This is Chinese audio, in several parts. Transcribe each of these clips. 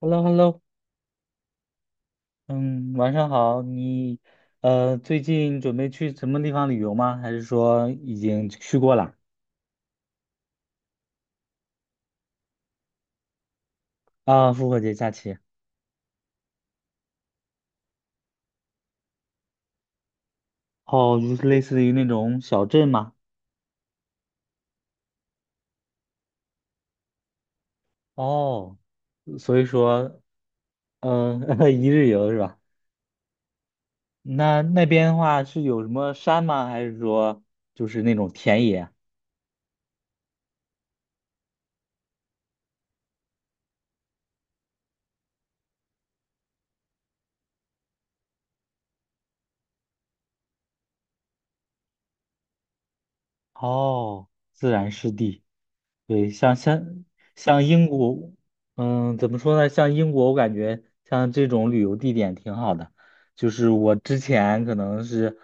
Hello，Hello，嗯，晚上好。你最近准备去什么地方旅游吗？还是说已经去过了？啊，复活节假期。哦，就是类似于那种小镇吗？哦，所以说，一日游是吧？那边的话是有什么山吗？还是说就是那种田野？哦，自然湿地。对，像英国，嗯，怎么说呢？像英国，我感觉像这种旅游地点挺好的。就是我之前可能是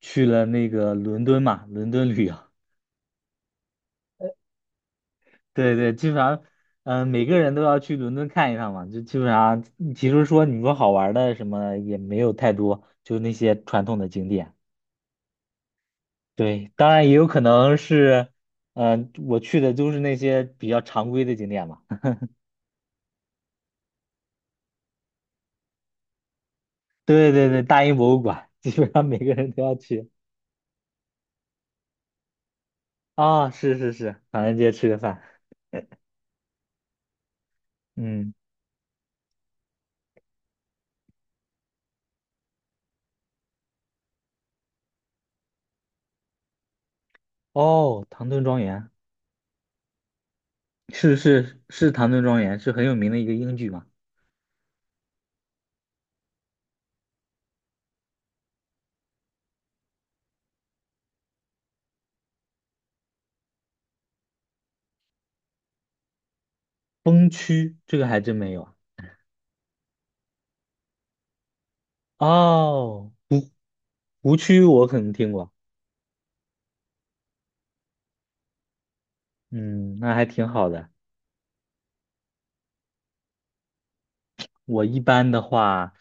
去了那个伦敦嘛，伦敦旅游，对对，基本上，嗯，每个人都要去伦敦看一趟嘛。就基本上，其实说你说好玩的什么也没有太多，就那些传统的景点。对，当然也有可能是，我去的都是那些比较常规的景点嘛。对对对，大英博物馆，基本上每个人都要去啊、是是是，唐人街吃个饭，嗯，哦，唐顿庄园是是是唐顿庄园，是很有名的一个英剧嘛。崩区这个还真没有啊哦，湖区我可能听过，嗯，那还挺好的。我一般的话，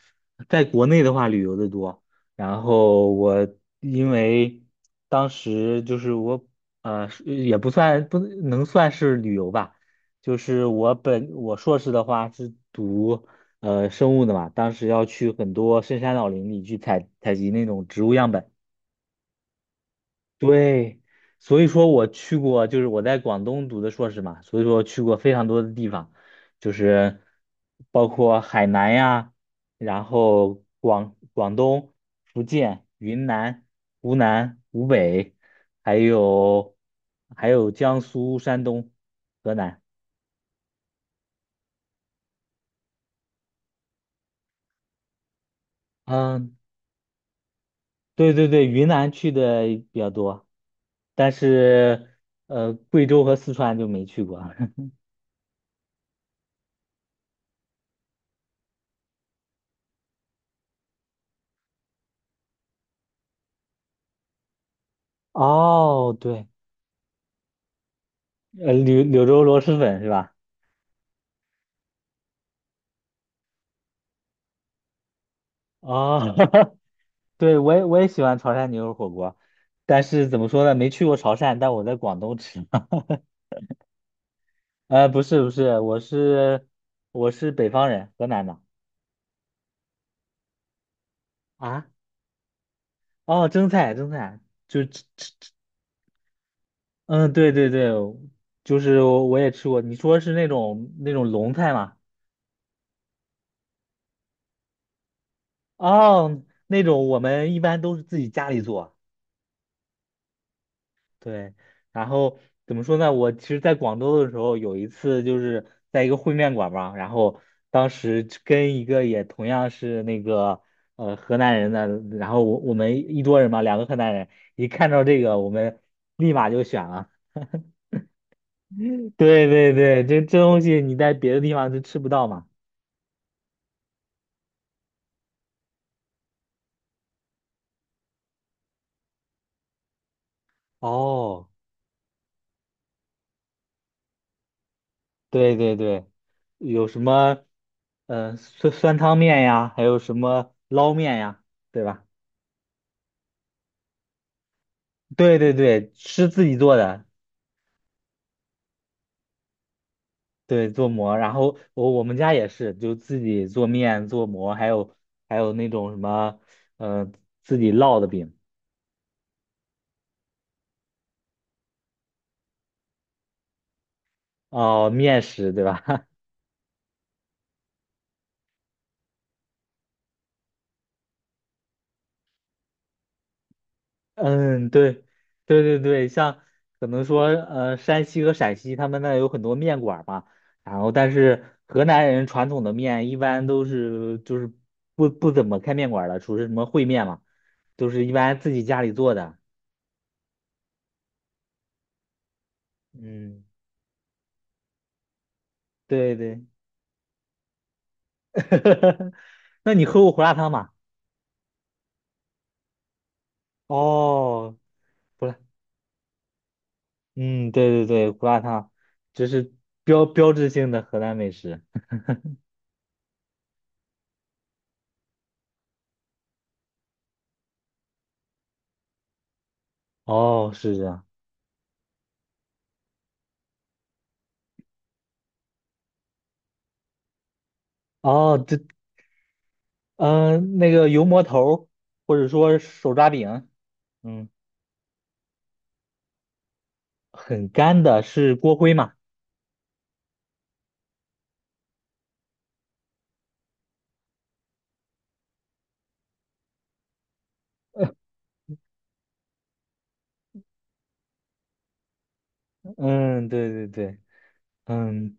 在国内的话旅游的多，然后我因为当时就是我是也不算不能算是旅游吧，就是我硕士的话是读生物的嘛，当时要去很多深山老林里去采集那种植物样本。对，所以说我去过，就是我在广东读的硕士嘛，所以说去过非常多的地方，就是包括海南呀，然后广东、福建、云南、湖南、湖北，还有江苏、山东、河南。嗯，对对对，云南去的比较多，但是贵州和四川就没去过。哦，对。柳州螺蛳粉是吧？哦，对，我也喜欢潮汕牛肉火锅，但是怎么说呢，没去过潮汕，但我在广东吃。不是不是，我是北方人，河南的啊。哦，蒸菜蒸菜，就吃吃吃，嗯，对对对，就是我也吃过。你说是那种龙菜吗？哦，那种我们一般都是自己家里做。对，然后怎么说呢？我其实，在广州的时候，有一次就是在一个烩面馆嘛，然后当时就跟一个也同样是那个河南人的，然后我们一桌人嘛，两个河南人，一看到这个，我们立马就选了。对对对，这东西你在别的地方就吃不到嘛。哦，对对对，有什么酸汤面呀，还有什么捞面呀，对吧？对对对，是自己做的。对，做馍，然后我们家也是，就自己做面、做馍，还有那种什么，呃，自己烙的饼，哦，面食，对吧？嗯，对，对对对，像可能说，山西和陕西他们那有很多面馆儿嘛，然后但是河南人传统的面一般都是就是不怎么开面馆儿的，属于什么烩面嘛，都是一般自己家里做的。嗯，对对，那你喝过胡辣汤吗？哦，不辣，嗯，对对对，胡辣汤，这是标志性的河南美食。哦，是这样。哦，那个油馍头儿或者说手抓饼，嗯，很干的，是锅盔嘛？嗯，对对对，嗯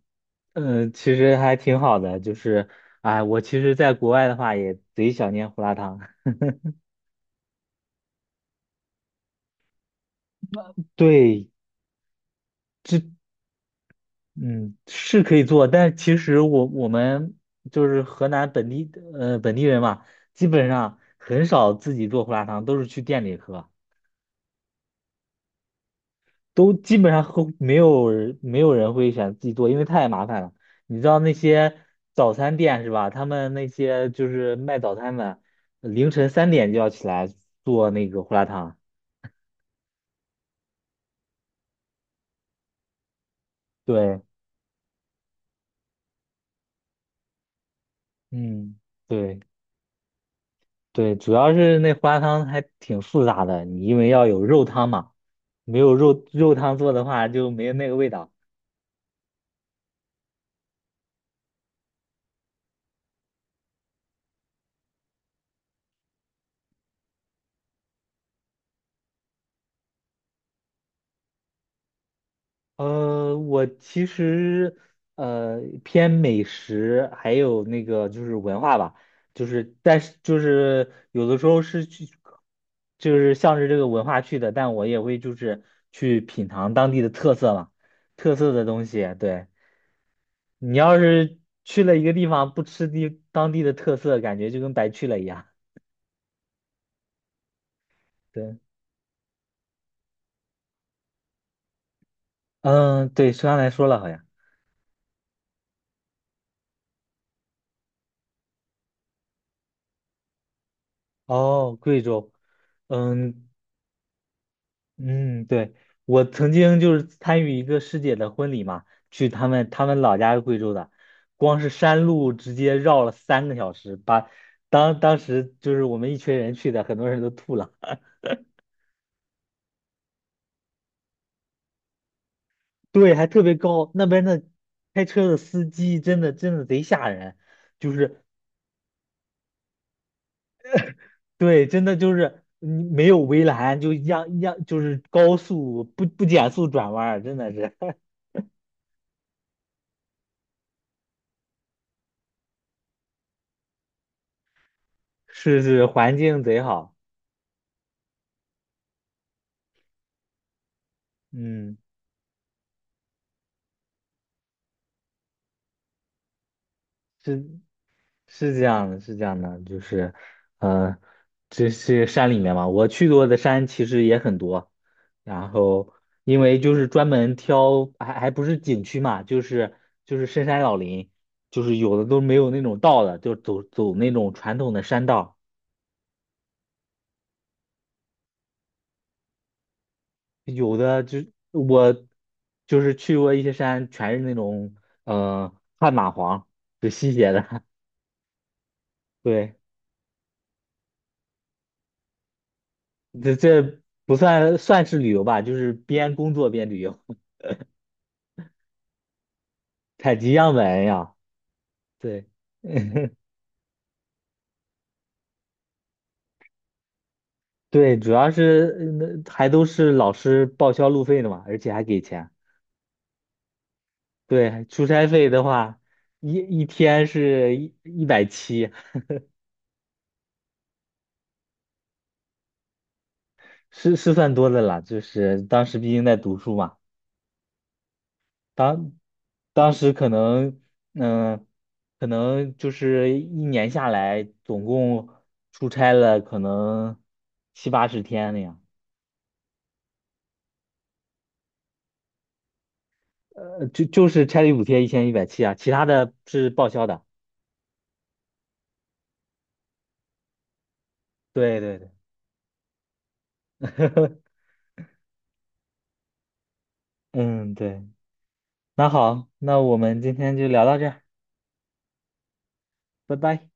其实还挺好的，就是，哎，我其实在国外的话也贼想念胡辣汤。对，嗯，是可以做，但其实我们就是河南本地人嘛，基本上很少自己做胡辣汤，都是去店里喝，都基本上喝没有人没有人会选自己做，因为太麻烦了。你知道那些早餐店是吧？他们那些就是卖早餐的，凌晨3点就要起来做那个胡辣汤。对，嗯，对。对，主要是那花汤还挺复杂的，你因为要有肉汤嘛，没有肉汤做的话就没有那个味道。我其实偏美食，还有那个就是文化吧，就是但是就是有的时候是去，就是向着这个文化去的，但我也会就是去品尝当地的特色嘛，特色的东西，对。你要是去了一个地方不吃当地的特色，感觉就跟白去了一样。对，嗯，对，是刚来说了，好像。哦，贵州，嗯嗯，对，我曾经就是参与一个师姐的婚礼嘛，去他们老家是贵州的，光是山路直接绕了3个小时，当时就是我们一群人去的，很多人都吐了。对，还特别高，那边的开车的司机真的真的贼吓人，就是对，真的就是没有围栏，就一样一样，就是高速不减速转弯儿真的是。是是，环境贼好，嗯，是是这样的，是这样的，就是，呃，这是山里面嘛，我去过的山其实也很多，然后因为就是专门挑，还不是景区嘛，就是深山老林，就是有的都没有那种道的，就走走那种传统的山道，有的就我就是去过一些山，全是那种旱蚂蟥，就吸血的，对。这不算算是旅游吧，就是边工作边旅游，采集样本呀。对，对，主要是还都是老师报销路费的嘛，而且还给钱。对，出差费的话，一一天是一百七，是算多的了。就是当时毕竟在读书嘛，当当时可能嗯、可能就是一年下来，总共出差了可能七八十天那样。就是差旅补贴1170啊，其他的是报销的。对对对，嗯，对，那好，那我们今天就聊到这儿，拜拜。